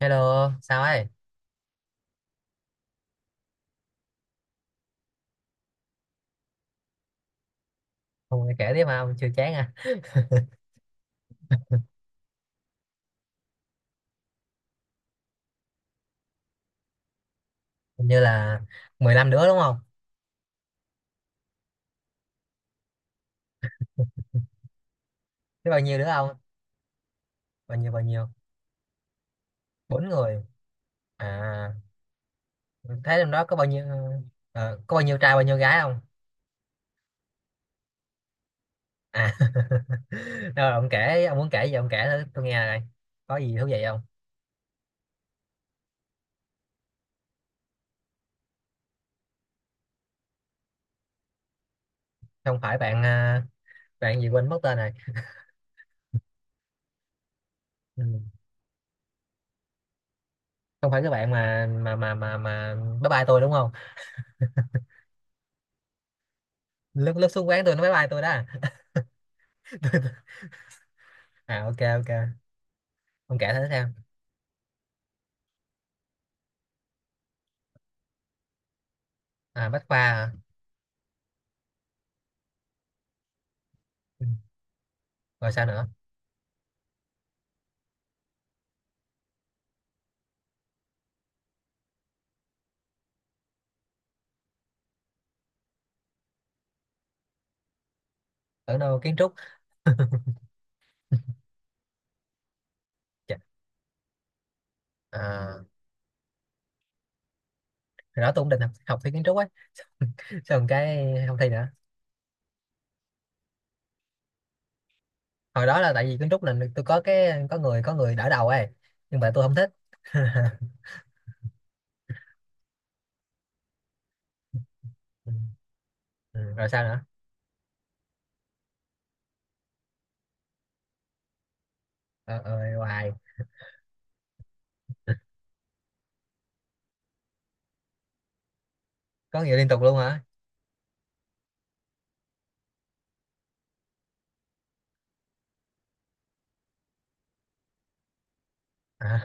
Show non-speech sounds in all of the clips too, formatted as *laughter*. Hello, sao ấy? Ông nghe kể tiếp mà ông chưa chán à? *laughs* Hình như là 15 đứa đúng không? Thế bao nhiêu đứa ông? Bao nhiêu bao nhiêu? Bốn người. À, thế trong đó có bao nhiêu có bao nhiêu trai bao nhiêu gái không? À. *laughs* Rồi ông kể, ông muốn kể gì ông kể thử tôi nghe này, có gì thú vị không? Không phải bạn à, bạn gì quên mất tên rồi. Ừ. Không phải cái bạn mà bye bye tôi đúng không? Lúc lúc xuống quán tôi nó bye bye tôi đó. *laughs* À, ok ok. Ông kể thử xem. À, Bách Khoa hả? Rồi sao nữa? Ở đâu, kiến trúc? Chà, à, hồi đó tôi cũng định học, học thi kiến trúc ấy, xong cái không thi nữa. Hồi đó là tại vì kiến trúc là tôi có cái có người đỡ đầu ấy, nhưng mà tôi không thích. *laughs* Ừ, ừ, rồi sao nữa? Ờ, hoài. Có người liên tục luôn hả? À,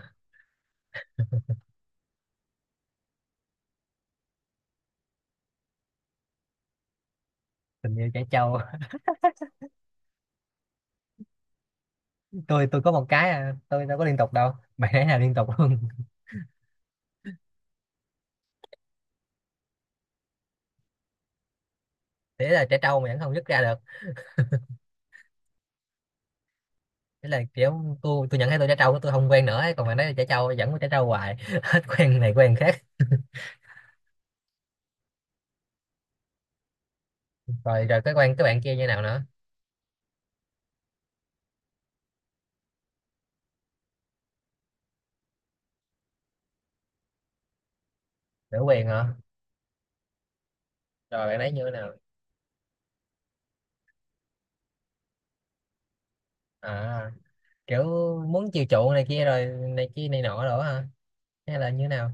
tình yêu trẻ trâu. *laughs* Tôi có một cái à, tôi đâu có liên tục đâu, bạn ấy là liên tục luôn. *laughs* Thế là trẻ trâu mà vẫn không dứt ra được. Thế là kiểu tôi nhận thấy tôi trẻ trâu tôi không quen nữa ấy. Còn bạn ấy là trẻ trâu vẫn có trẻ trâu hoài. *laughs* Hết quen này quen khác. Rồi rồi cái quen các bạn kia như nào nữa? Nữ quyền hả? Rồi bạn ấy như thế nào? À, kiểu muốn chiều chuộng này kia rồi này kia này nọ đó hả, hay là như thế nào?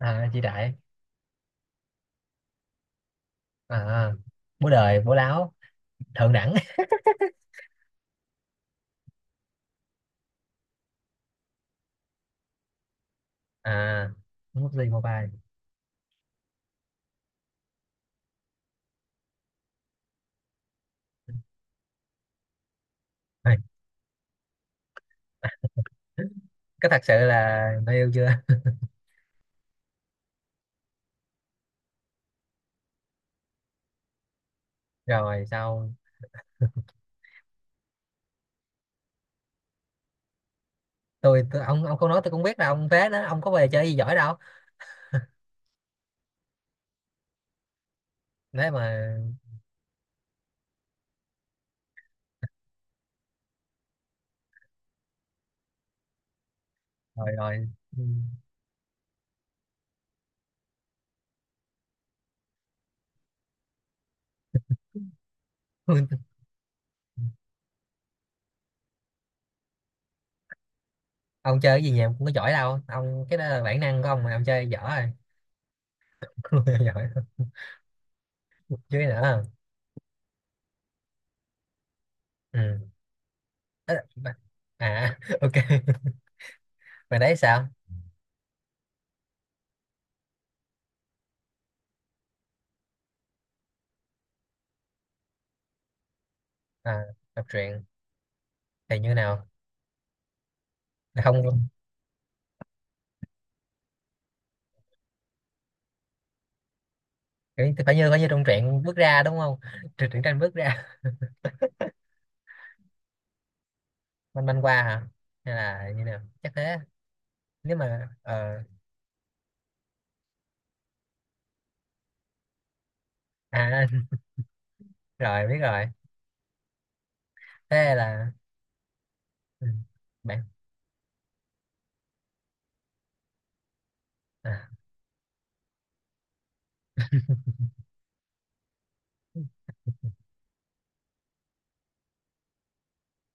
À, chị đại. À, bố đời bố láo, thượng đẳng. À, mút gì Mobile. Ê, *laughs* có thật sự là người yêu chưa? Rồi sao? Tôi ông không nói tôi cũng biết là ông phế đó, ông có về chơi gì giỏi đâu. Đấy mà. Rồi rồi. Ừ. *laughs* Ông chơi cái gì nhà cũng có giỏi đâu ông, cái đó là bản năng của ông mà ông chơi giỏi. Rồi *laughs* giỏi. Chứ nữa. Ừ. Ê, mà- à *laughs* ok. Mày đấy sao? À, đọc truyện thì như nào? Là không kiểu phải như trong truyện bước ra đúng không? Truyện truyện tranh bước ra. Manh manh qua hả, hay là như nào chắc thế. Nếu mà à *laughs* rồi biết rồi. Thế là ừ, bạn à,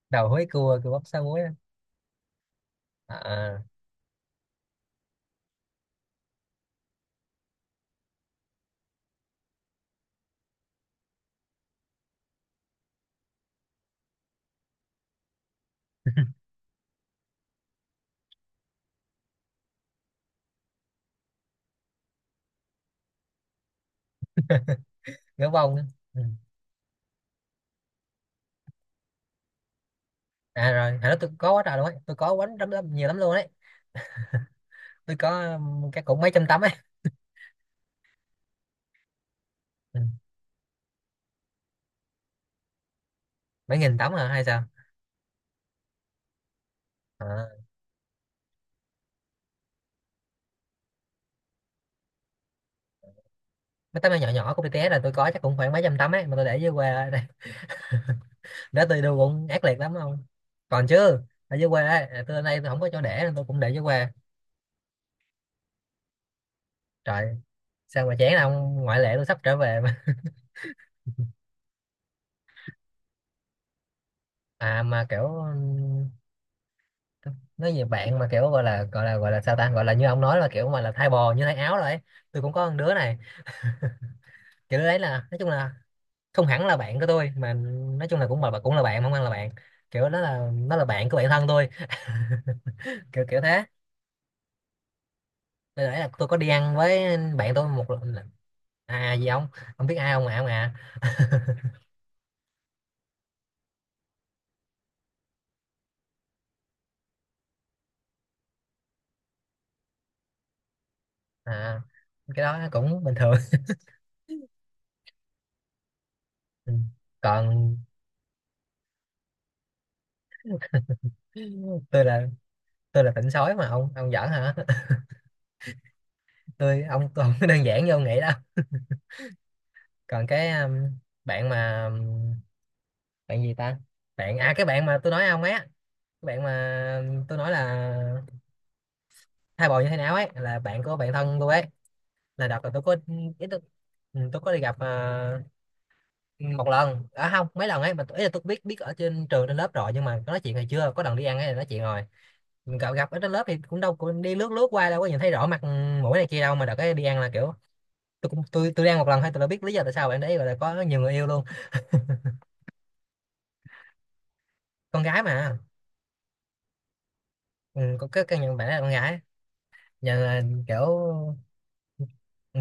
đầu húi cua cua bắp sáu muối á. À, à, gấu bông á. Ừ. À, rồi hồi đó tôi có quá trời luôn ấy, tôi có quánh lắm, lắm nhiều lắm luôn đấy. Tôi có cái cũng mấy trăm tấm ấy. Ừ. Mấy nghìn tấm hả hay sao? À, mấy tấm áo nhỏ nhỏ của BTS là tôi có chắc cũng khoảng mấy trăm tấm ấy mà tôi để dưới quê đây. *laughs* Để tôi đu cũng ác liệt lắm không. Còn chứ. Ở dưới quê ấy, à, tôi đây tôi không có chỗ để nên tôi cũng để dưới quê. Trời, sao mà chán ông, ngoại lệ tôi sắp trở về mà. *laughs* À mà kiểu nói về bạn mà kiểu gọi là gọi là sao ta, gọi là như ông nói là kiểu mà là thay bò như thay áo rồi ấy. Tôi cũng có con đứa này. Kiểu đứa đấy là nói chung là không hẳn là bạn của tôi mà, nói chung là cũng là cũng là bạn không ăn là bạn, kiểu đó là nó là bạn của bạn thân tôi. *laughs* Kiểu kiểu thế. Đây nãy là tôi có đi ăn với bạn tôi một lần là- à gì ông, không biết ai không ạ ông à, à cái đó cũng bình thường. *laughs* Ừ. Còn tôi là tôi là tỉnh sói mà ông giỡn hả. *laughs* Tôi ông tôi không có đơn giản như ông nghĩ đâu. Còn cái bạn mà bạn gì ta, bạn à cái bạn mà tôi nói ông ấy á, cái bạn mà tôi nói là thai bồ như thế nào ấy là bạn của bạn thân tôi ấy. Là đợt là tôi có ít tôi ừ, tôi có đi gặp ừ, một lần à không mấy lần ấy mà, ý là tôi biết biết ở trên trường trên lớp rồi nhưng mà có nói chuyện hay chưa, có lần đi ăn ấy là nói chuyện rồi. Gặp gặp ở trên lớp thì cũng đâu cũng đi lướt lướt qua đâu có nhìn thấy rõ mặt mũi này kia đâu, mà đợt cái đi ăn là kiểu tôi cũng tôi đi ăn một lần thôi tôi đã biết lý do tại sao bạn đấy gọi là có nhiều người yêu luôn. Con gái mà. Ừ, có cái căn nhận bạn ấy là con gái. Nhờ là kiểu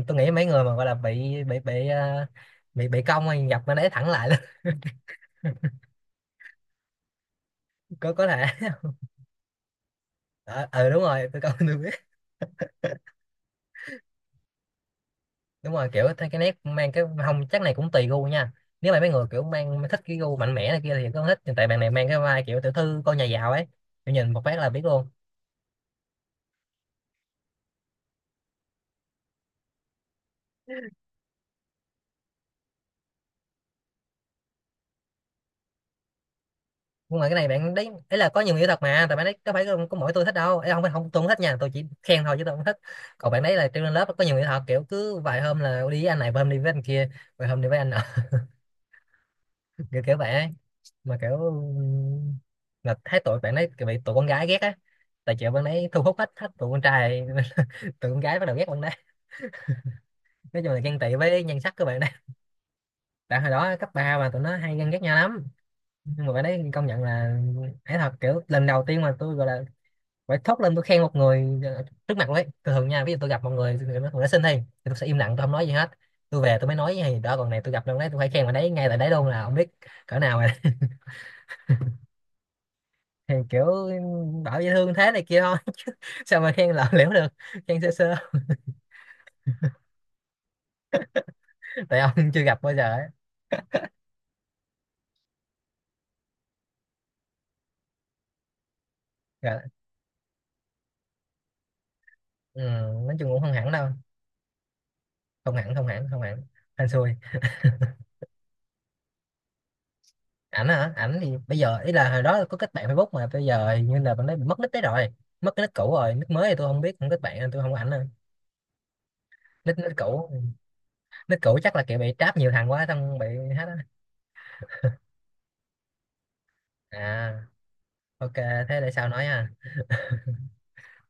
tôi nghĩ mấy người mà gọi là bị ờ, bị cong thì gặp bạn ấy thẳng lại luôn. *laughs* Có thể. Ờ ừ, đúng rồi tôi cong tôi biết. Đúng rồi kiểu cái nét mang cái không chắc này cũng tùy gu nha. Nếu mà mấy người kiểu mang thích cái gu mạnh mẽ này kia thì có thích, nhưng tại bạn này mang cái vai kiểu tiểu thư con nhà giàu ấy, kiểu nhìn một phát là biết luôn. Nhưng mà cái này bạn đấy ấy là có nhiều người thật mà, tại bạn đấy có phải có mỗi tôi thích đâu ấy, không phải không tôi không thích nha, tôi chỉ khen thôi chứ tôi không thích. Còn bạn đấy là trên lớp có nhiều người thật, kiểu cứ vài hôm là đi với anh này, vài hôm đi với anh kia, vài hôm đi với anh nọ. *laughs* Kiểu kiểu vậy ấy. Mà kiểu là thấy tụi bạn đấy bị tụi con gái ghét á, tại chợ bạn đấy thu hút hết hết tụi con trai. *laughs* Tụi con gái bắt đầu ghét bạn đấy, nói chung là ghen tị với nhan sắc các bạn đấy. *laughs* Tại hồi đó cấp 3 mà tụi nó hay ganh ghét nhau lắm. Nhưng mà bạn đấy công nhận là ấy thật, kiểu lần đầu tiên mà tôi gọi là phải thốt lên tôi khen một người trước mặt luôn ấy. Thường thường nha, ví dụ tôi gặp một người người nó xinh thì, tôi sẽ im lặng tôi không nói gì hết, tôi về tôi mới nói gì đó, còn này tôi gặp đâu đấy tôi phải khen bạn đấy ngay tại đấy luôn là không biết cỡ nào rồi. *laughs* Thì kiểu bảo dễ thương thế này kia thôi. *laughs* Sao mà khen lỏng liễu được, khen sơ sơ. *laughs* Tại ông chưa gặp bao giờ ấy. Rồi, ừ, nói chung cũng không hẳn đâu. Không hẳn không hẳn, hên xui. Ảnh hả, ảnh thì bây giờ ý là hồi đó có kết bạn Facebook mà bây giờ hình như là bạn ấy bị mất nick đấy rồi. Mất cái nick cũ rồi, nick mới thì tôi không biết không kết bạn nên tôi không có ảnh nữa. Nick nick cũ, nick cũ chắc là kiểu bị trap nhiều thằng quá xong bị hết á. À, ok, thế để sau nói nha,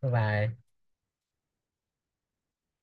bye bye.